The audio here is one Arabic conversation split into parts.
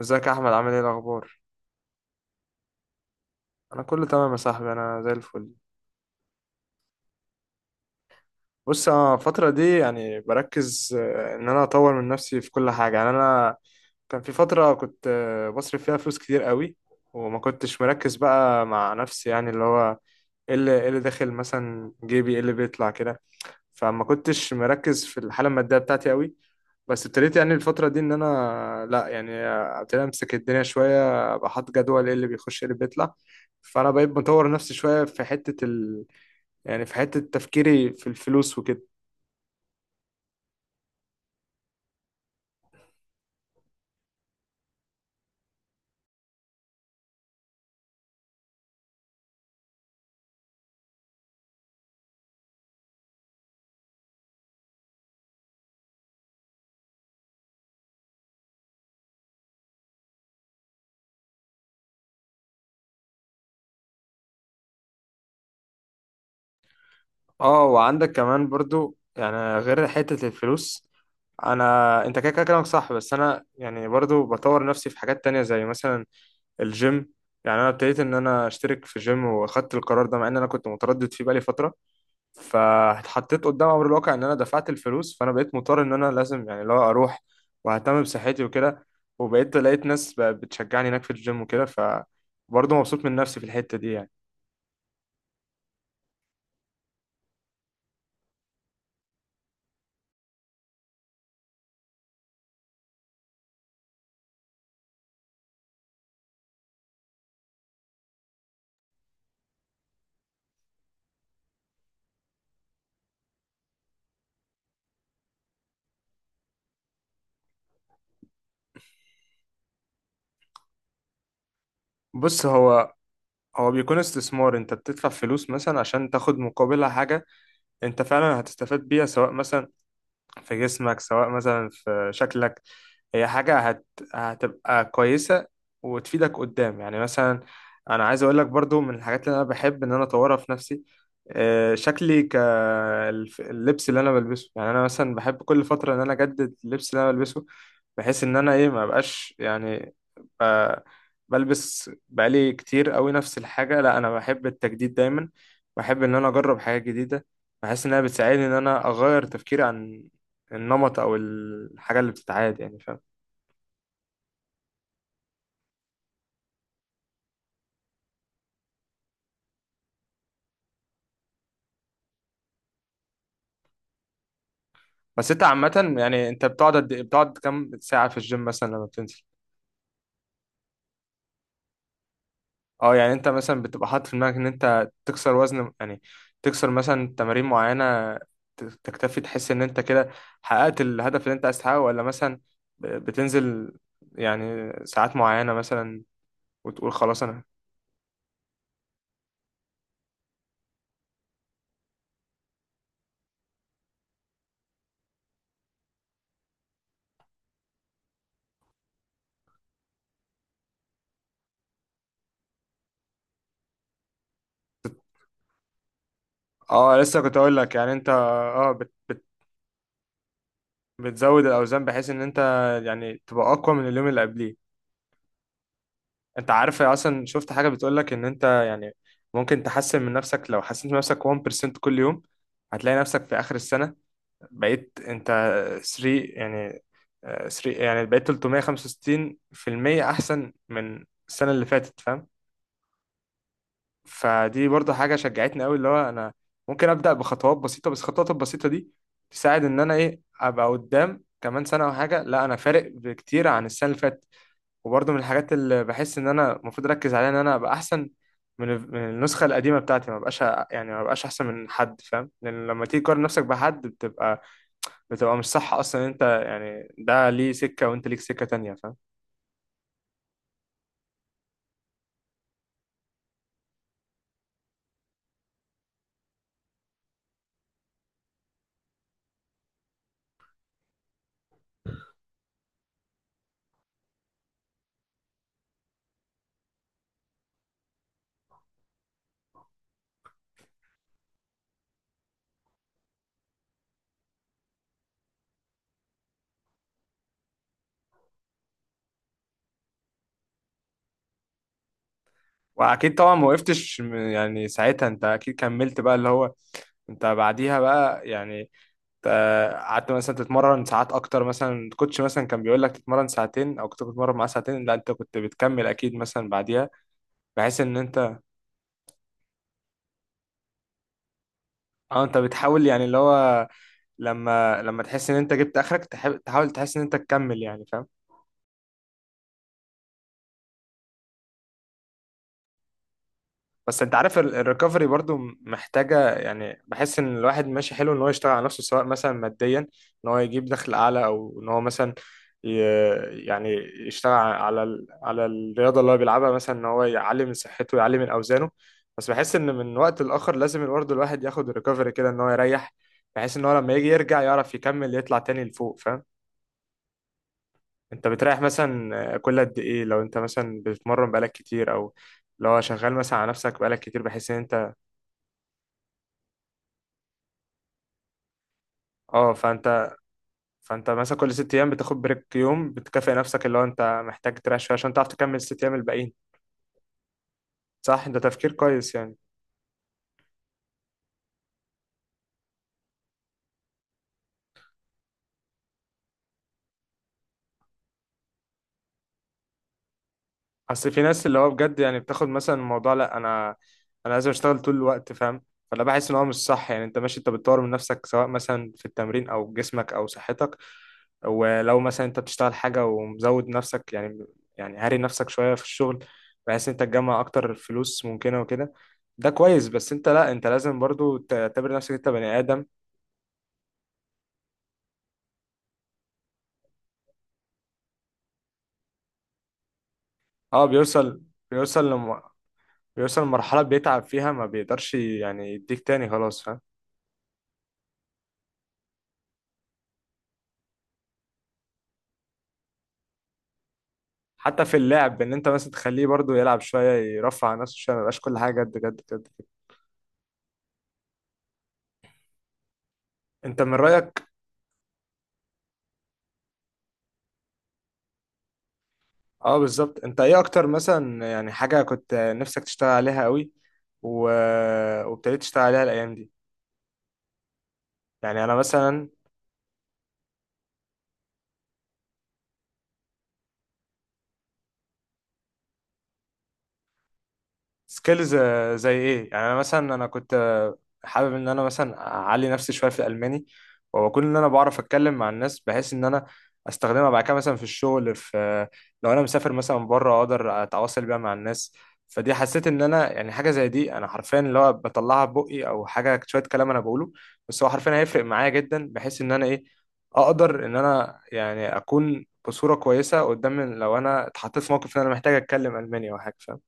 ازيك يا احمد؟ عامل ايه الاخبار؟ انا كله تمام يا صاحبي، انا زي الفل. بص، انا الفتره دي يعني بركز ان انا اطور من نفسي في كل حاجه. يعني انا كان في فتره كنت، بصرف فيها فلوس كتير قوي، وما كنتش مركز بقى مع نفسي. يعني اللي هو ايه اللي إيه اللي داخل مثلا جيبي، ايه اللي بيطلع كده. فما كنتش مركز في الحاله الماديه بتاعتي قوي. بس ابتديت يعني الفتره دي ان انا لا يعني ابتديت امسك الدنيا شويه، ابقى حاطط جدول ايه اللي بيخش ايه اللي بيطلع. فانا بقيت بطور نفسي شويه في يعني في حته تفكيري في الفلوس وكده. اه، وعندك كمان برضو يعني غير حته الفلوس، انا انت كده كده كلامك صح، بس انا يعني برضو بطور نفسي في حاجات تانية زي مثلا الجيم. يعني انا ابتديت ان انا اشترك في جيم، واخدت القرار ده مع ان انا كنت متردد فيه بقالي فتره، فاتحطيت قدام امر الواقع ان انا دفعت الفلوس، فانا بقيت مضطر ان انا لازم يعني لو اروح واهتم بصحتي وكده. وبقيت لقيت ناس بتشجعني هناك في الجيم وكده، فبرضه مبسوط من نفسي في الحتة دي يعني. بص هو هو بيكون استثمار، انت بتدفع فلوس مثلا عشان تاخد مقابلها حاجة انت فعلا هتستفاد بيها، سواء مثلا في جسمك سواء مثلا في شكلك. هي هتبقى كويسة وتفيدك قدام. يعني مثلا أنا عايز أقول لك برضو من الحاجات اللي أنا بحب إن أنا أطورها في نفسي، شكلي كاللبس اللي أنا بلبسه. يعني أنا مثلا بحب كل فترة إن أنا أجدد اللبس اللي أنا بلبسه، بحيث إن أنا إيه ما بقاش يعني ب- بلبس بقالي كتير قوي نفس الحاجة. لا، أنا بحب التجديد دايما، بحب إن أنا أجرب حاجات جديدة. بحس إنها بتساعدني إن أنا أغير تفكيري عن النمط او الحاجه اللي بتتعاد، يعني فاهم. بس انت عامه يعني انت بتقعد بتقعد كام ساعه في الجيم مثلا لما بتنزل؟ اه، يعني انت مثلا بتبقى حاطط في دماغك ان انت تكسر وزن، يعني تكسر مثلا تمارين معينه، تكتفي تحس ان انت كده حققت الهدف اللي انت عايز تحققه؟ ولا مثلا بتنزل يعني ساعات معينه مثلا وتقول خلاص انا؟ اه لسه كنت اقول لك يعني انت اه بت بت بتزود الاوزان بحيث ان انت يعني تبقى اقوى من اليوم اللي قبليه. انت عارف اصلا شفت حاجه بتقول لك ان انت يعني ممكن تحسن من نفسك لو حسنت من نفسك 1% كل يوم، هتلاقي نفسك في اخر السنه بقيت انت 3 يعني 3 يعني بقيت 365% احسن من السنه اللي فاتت، فاهم. فدي برضو حاجه شجعتني قوي، اللي هو انا ممكن ابدا بخطوات بسيطه، بس الخطوات البسيطه دي تساعد ان انا ايه ابقى قدام كمان سنه او حاجه لا انا فارق بكتير عن السنه اللي فاتت. وبرضه من الحاجات اللي بحس ان انا المفروض اركز عليها ان انا ابقى احسن من النسخه القديمه بتاعتي. ما بقاش يعني ما بقاش احسن من حد، فاهم، لان لما تيجي تقارن نفسك بحد بتبقى مش صح اصلا. انت يعني ده ليه سكه وانت ليك سكه تانية، فاهم. واكيد طبعا ما وقفتش يعني ساعتها انت اكيد كملت بقى اللي هو، انت بعديها بقى يعني ت- قعدت مثلا تتمرن ساعات اكتر. مثلا الكوتش مثلا كان بيقول لك تتمرن ساعتين او كنت بتتمرن معاه ساعتين، لا انت كنت بتكمل اكيد مثلا بعديها، بحيث ان انت اه انت بتحاول يعني اللي هو لما تحس ان انت جبت اخرك تحب تحاول تحس ان انت تكمل، يعني فاهم. بس انت عارف الريكفري برضو محتاجة. يعني بحس ان الواحد ماشي حلو ان هو يشتغل على نفسه سواء مثلا ماديا ان هو يجيب دخل اعلى، او ان هو مثلا يعني يشتغل على على الرياضة اللي هو بيلعبها، مثلا ان هو يعلي من صحته ويعلي من اوزانه. بس بحس ان من وقت لاخر لازم برضه الواحد ياخد الريكفري كده ان هو يريح، بحيث ان هو لما يجي يرجع يعرف يكمل يطلع تاني لفوق، فاهم. انت بتريح مثلا كل قد ايه لو انت مثلا بتتمرن بقالك كتير، او لو شغال مثلا على نفسك بقالك كتير بحيث ان انت اه؟ فانت مثلا كل ست ايام بتاخد بريك يوم، بتكافئ نفسك، اللي هو انت محتاج تريح شويه عشان تعرف تكمل الست ايام الباقيين. صح، ده تفكير كويس يعني. اصل في ناس اللي هو بجد يعني بتاخد مثلا الموضوع لا انا انا لازم اشتغل طول الوقت، فاهم. فلا، بحس ان هو مش صح. يعني انت ماشي انت بتطور من نفسك سواء مثلا في التمرين او جسمك او صحتك، ولو مثلا انت بتشتغل حاجة ومزود نفسك يعني، يعني هاري نفسك شوية في الشغل بحيث انت تجمع اكتر فلوس ممكنة وكده، ده كويس. بس انت لا انت لازم برضو تعتبر نفسك انت بني ادم. اه، بيوصل لم... بيوصل لمرحلة بيتعب فيها ما بيقدرش يعني يديك تاني خلاص، فاهم. حتى في اللعب ان انت مثلا تخليه برضو يلعب شوية، يرفع عن نفسه شوية، ما يبقاش كل حاجة جد جد جد كده. انت من رأيك؟ اه بالظبط. انت ايه اكتر مثلا يعني حاجة كنت نفسك تشتغل عليها قوي و... وابتديت تشتغل عليها الايام دي؟ يعني انا مثلا سكيلز، زي ايه يعني؟ انا مثلا انا كنت، حابب ان انا مثلا اعلي نفسي شويه في الالماني، واكون ان انا بعرف اتكلم مع الناس بحيث ان انا استخدمها بعد كده مثلا في الشغل في، لو انا مسافر مثلا بره اقدر اتواصل بيها مع الناس. فدي حسيت ان انا يعني حاجه زي دي انا حرفيا اللي هو بطلعها ببقي او حاجه شويه كلام انا بقوله، بس هو حرفيا هيفرق معايا جدا، بحيث ان انا ايه اقدر ان انا يعني اكون بصوره كويسه قدام لو انا اتحطيت في موقف ان انا محتاج اتكلم الماني او حاجه، فاهم.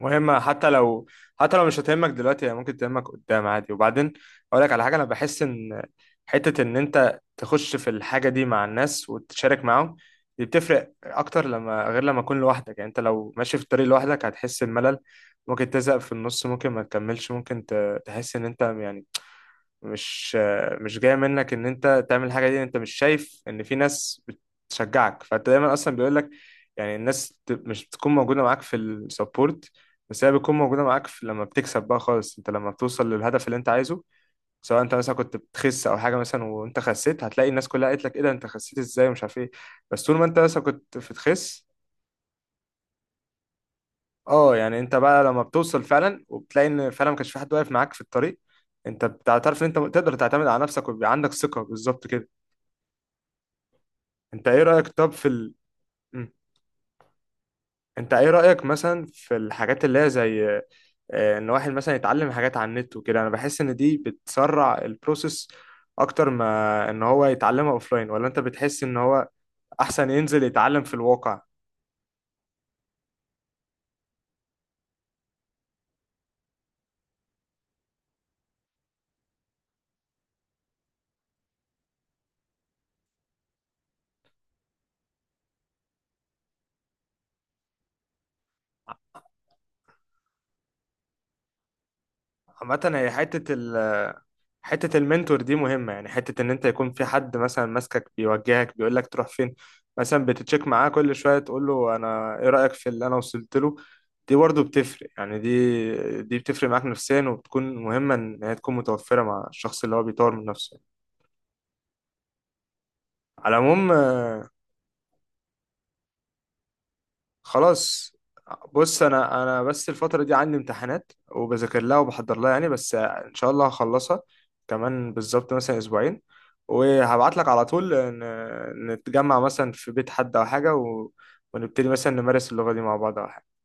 مهمة حتى لو مش هتهمك دلوقتي هي ممكن تهمك قدام عادي. وبعدين أقول لك على حاجة، أنا بحس إن حتة إن أنت تخش في الحاجة دي مع الناس وتشارك معاهم دي بتفرق أكتر لما، غير لما أكون لوحدك. يعني أنت لو ماشي في الطريق لوحدك هتحس الملل، ممكن تزهق في النص، ممكن ما تكملش، ممكن تحس إن أنت يعني مش مش جاية منك ان انت تعمل الحاجة دي. انت مش شايف ان في ناس بتشجعك، فانت دايما اصلا بيقول لك، يعني الناس مش بتكون موجودة معاك في السبورت، بس هي بتكون موجودة معاك في لما بتكسب بقى خالص، انت لما بتوصل للهدف اللي انت عايزه. سواء انت مثلا كنت بتخس او حاجة مثلا، وانت خسيت هتلاقي الناس كلها قالت لك ايه ده انت خسيت ازاي ومش عارف ايه، بس طول ما انت مثلا كنت بتخس. اه، يعني انت بقى لما بتوصل فعلا وبتلاقي ان فعلا ما كانش في حد واقف معاك في الطريق، انت بتعترف ان انت تقدر تعتمد على نفسك ويبقى عندك ثقة، بالظبط كده. انت ايه رأيك طب في مم. انت ايه رأيك مثلا في الحاجات اللي هي زي، ان واحد مثلا يتعلم حاجات على النت وكده؟ انا بحس ان دي بتسرع البروسيس اكتر ما ان هو يتعلمها اوفلاين. ولا انت بتحس ان هو احسن ينزل يتعلم في الواقع؟ عامة هي حتة المنتور دي مهمة. يعني حتة إن أنت يكون في حد مثلا ماسكك بيوجهك بيقول لك تروح فين، مثلا بتتشيك معاه كل شوية تقول له أنا إيه رأيك في اللي أنا وصلت له، دي برضه بتفرق. يعني دي بتفرق معاك نفسيا وبتكون مهمة إن هي تكون متوفرة مع الشخص اللي هو بيطور من نفسه، على العموم. خلاص، بص انا بس الفتره دي عندي امتحانات وبذاكر لها وبحضر لها، يعني بس ان شاء الله هخلصها كمان بالظبط مثلا اسبوعين، وهبعت لك على طول نتجمع مثلا في بيت حد او حاجه ونبتدي مثلا نمارس اللغه دي مع بعض او حاجه.